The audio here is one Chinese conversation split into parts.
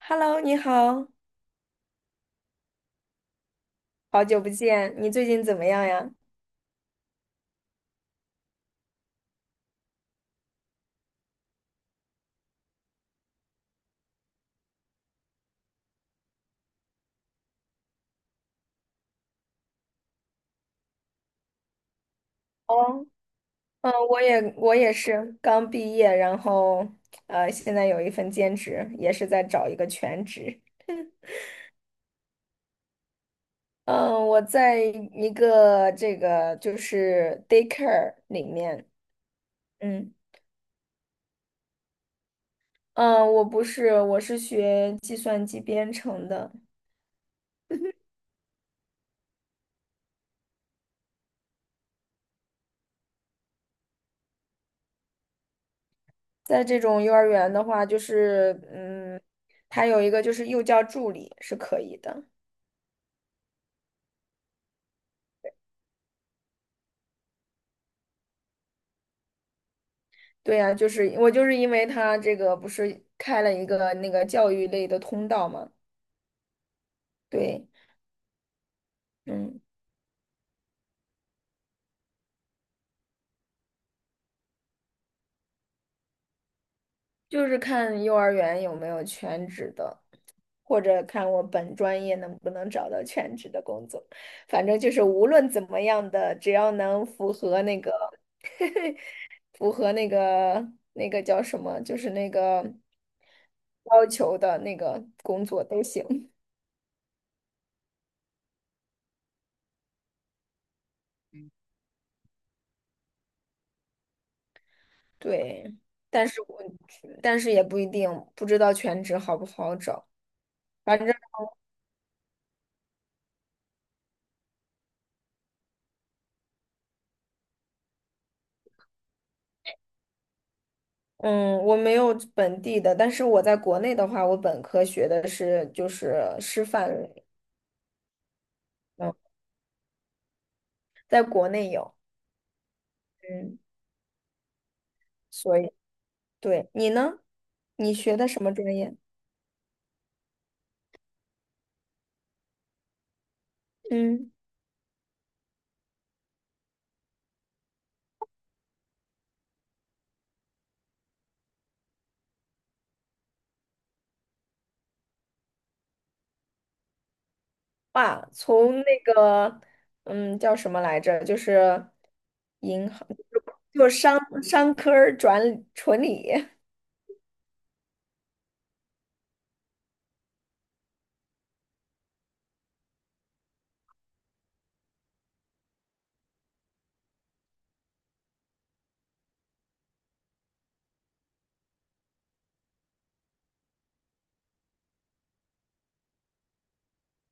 Hello，你好，好久不见，你最近怎么样呀？哦，嗯，我也是刚毕业，然后现在有一份兼职，也是在找一个全职。嗯，我在一个这个就是 daycare 里面，嗯嗯，我不是，我是学计算机编程的。在这种幼儿园的话，就是它有一个就是幼教助理是可以的。对呀，就是我就是因为他这个不是开了一个那个教育类的通道嘛，对，嗯，就是看幼儿园有没有全职的，或者看我本专业能不能找到全职的工作，反正就是无论怎么样的，只要能符合那个符合那个那个叫什么，就是那个要求的那个工作都行，对，但是我但是也不一定不知道全职好不好找。反正。嗯，我没有本地的，但是我在国内的话，我本科学的是就是师范类，嗯，在国内有，嗯，所以对你呢？你学的什么专业？嗯，哇，从那个叫什么来着？就是银行，就商商科儿转纯理，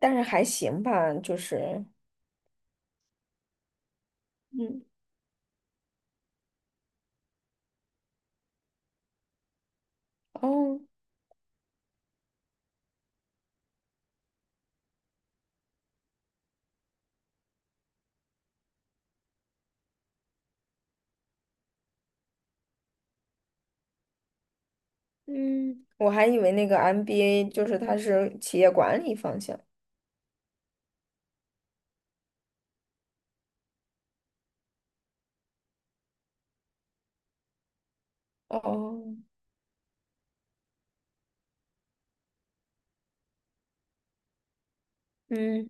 但是还行吧，就是嗯。哦。嗯，我还以为那个 MBA 就是它是企业管理方向。哦，嗯，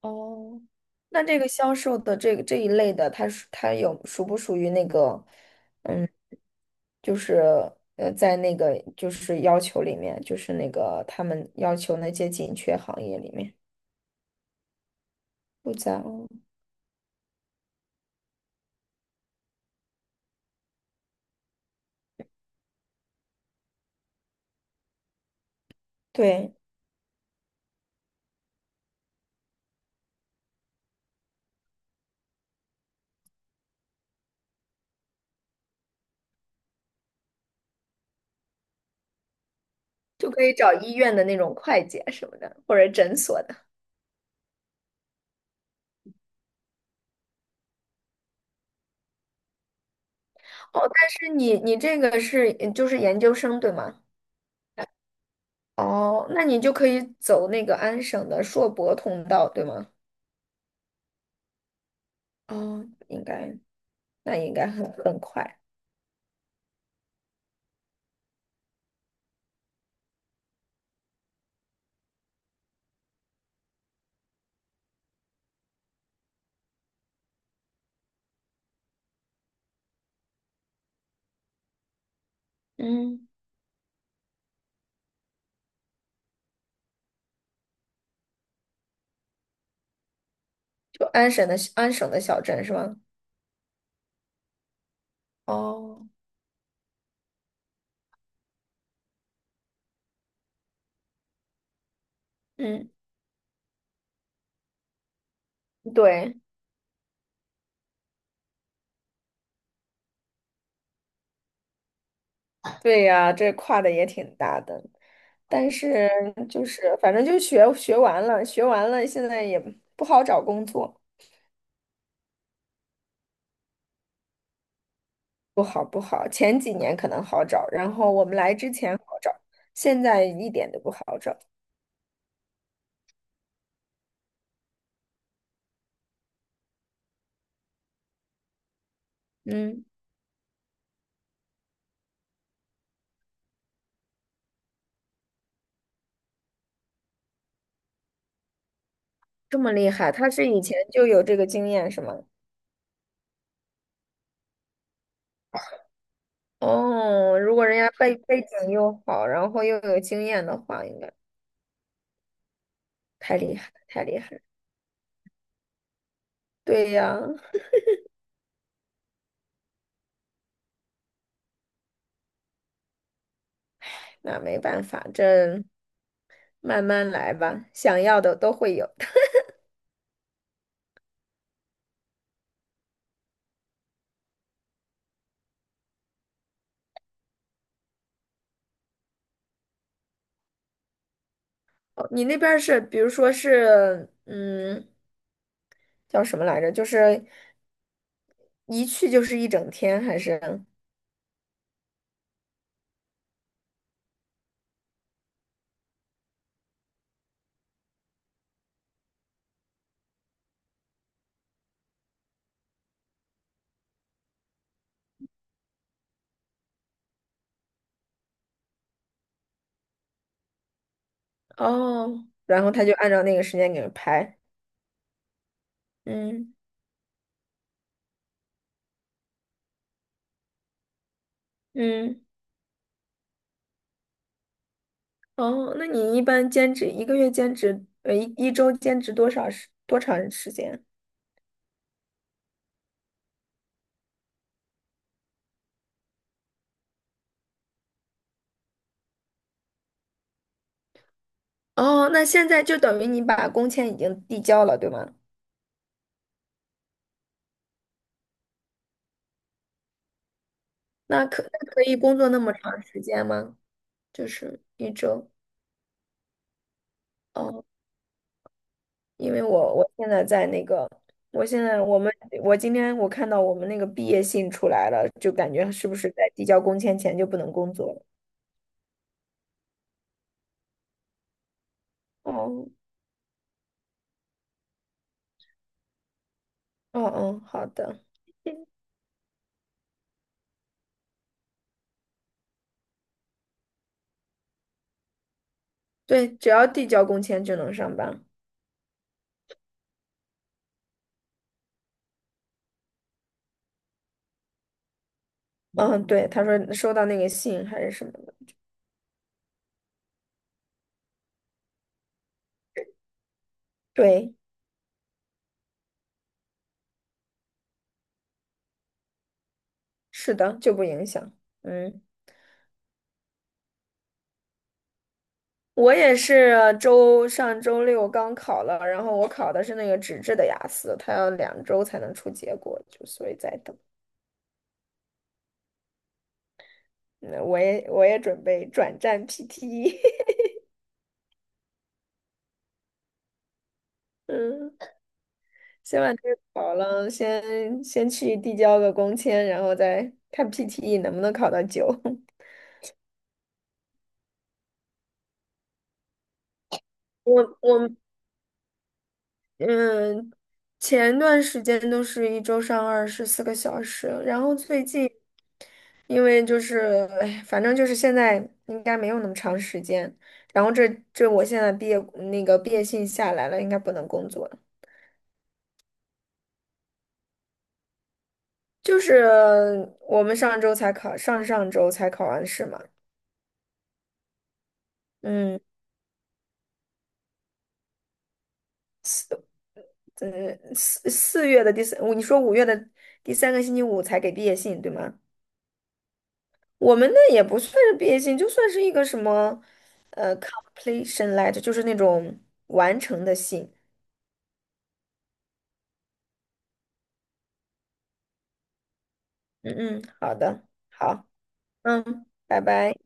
哦，那这个销售的这个这一类的，它有属不属于那个，嗯，就是在那个就是要求里面，就是那个他们要求那些紧缺行业里面不在哦，对，就可以找医院的那种会计啊什么的，或者诊所的。哦，但是你你这个是就是研究生对吗？哦，那你就可以走那个安省的硕博通道对吗？哦，应该。那应该很快。嗯。就安省的小镇是吗？哦，嗯，对，对呀，这跨的也挺大的，但是就是反正就学完了，学完了，现在也不好找工作，不好不好。前几年可能好找，然后我们来之前好找，现在一点都不好找。嗯，这么厉害，他是以前就有这个经验是吗？哦，如果人家背景又好，然后又有经验的话，应该。太厉害了，太厉害了。对呀，那没办法，这慢慢来吧，想要的都会有的。哦你那边儿是，比如说是，嗯，叫什么来着？就是一去就是一整天，还是？哦，然后他就按照那个时间给人排。嗯嗯，哦，那你一般兼职一个月兼职，呃，一周兼职多长时间？哦，那现在就等于你把工签已经递交了，对吗？那可以工作那么长时间吗？就是一周哦，因为我现在在那个，我现在我们我今天看到我们那个毕业信出来了，就感觉是不是在递交工签前就不能工作了？哦，哦哦，好的，对，只要递交工签就能上班。嗯，对，他说收到那个信还是什么的，对，是的，就不影响。嗯。我也是上周六刚考了，然后我考的是那个纸质的雅思，它要2周才能出结果，就所以在等。那我也准备转战 PT，e 嗯，先把这个考了，先去递交个工签，然后再看 PTE 能不能考到9。我嗯，前段时间都是一周上24个小时，然后最近因为就是，哎，反正就是现在应该没有那么长时间。然后这我现在毕业那个毕业信下来了，应该不能工作了。就是我们上周才考，上上周才考完试嘛。嗯，呃，四四月的第三，你说五月的第三个星期五才给毕业信，对吗？我们那也不算是毕业信，就算是一个什么，呃，completion letter，就是那种完成的信。嗯嗯，好的，好，嗯，拜拜。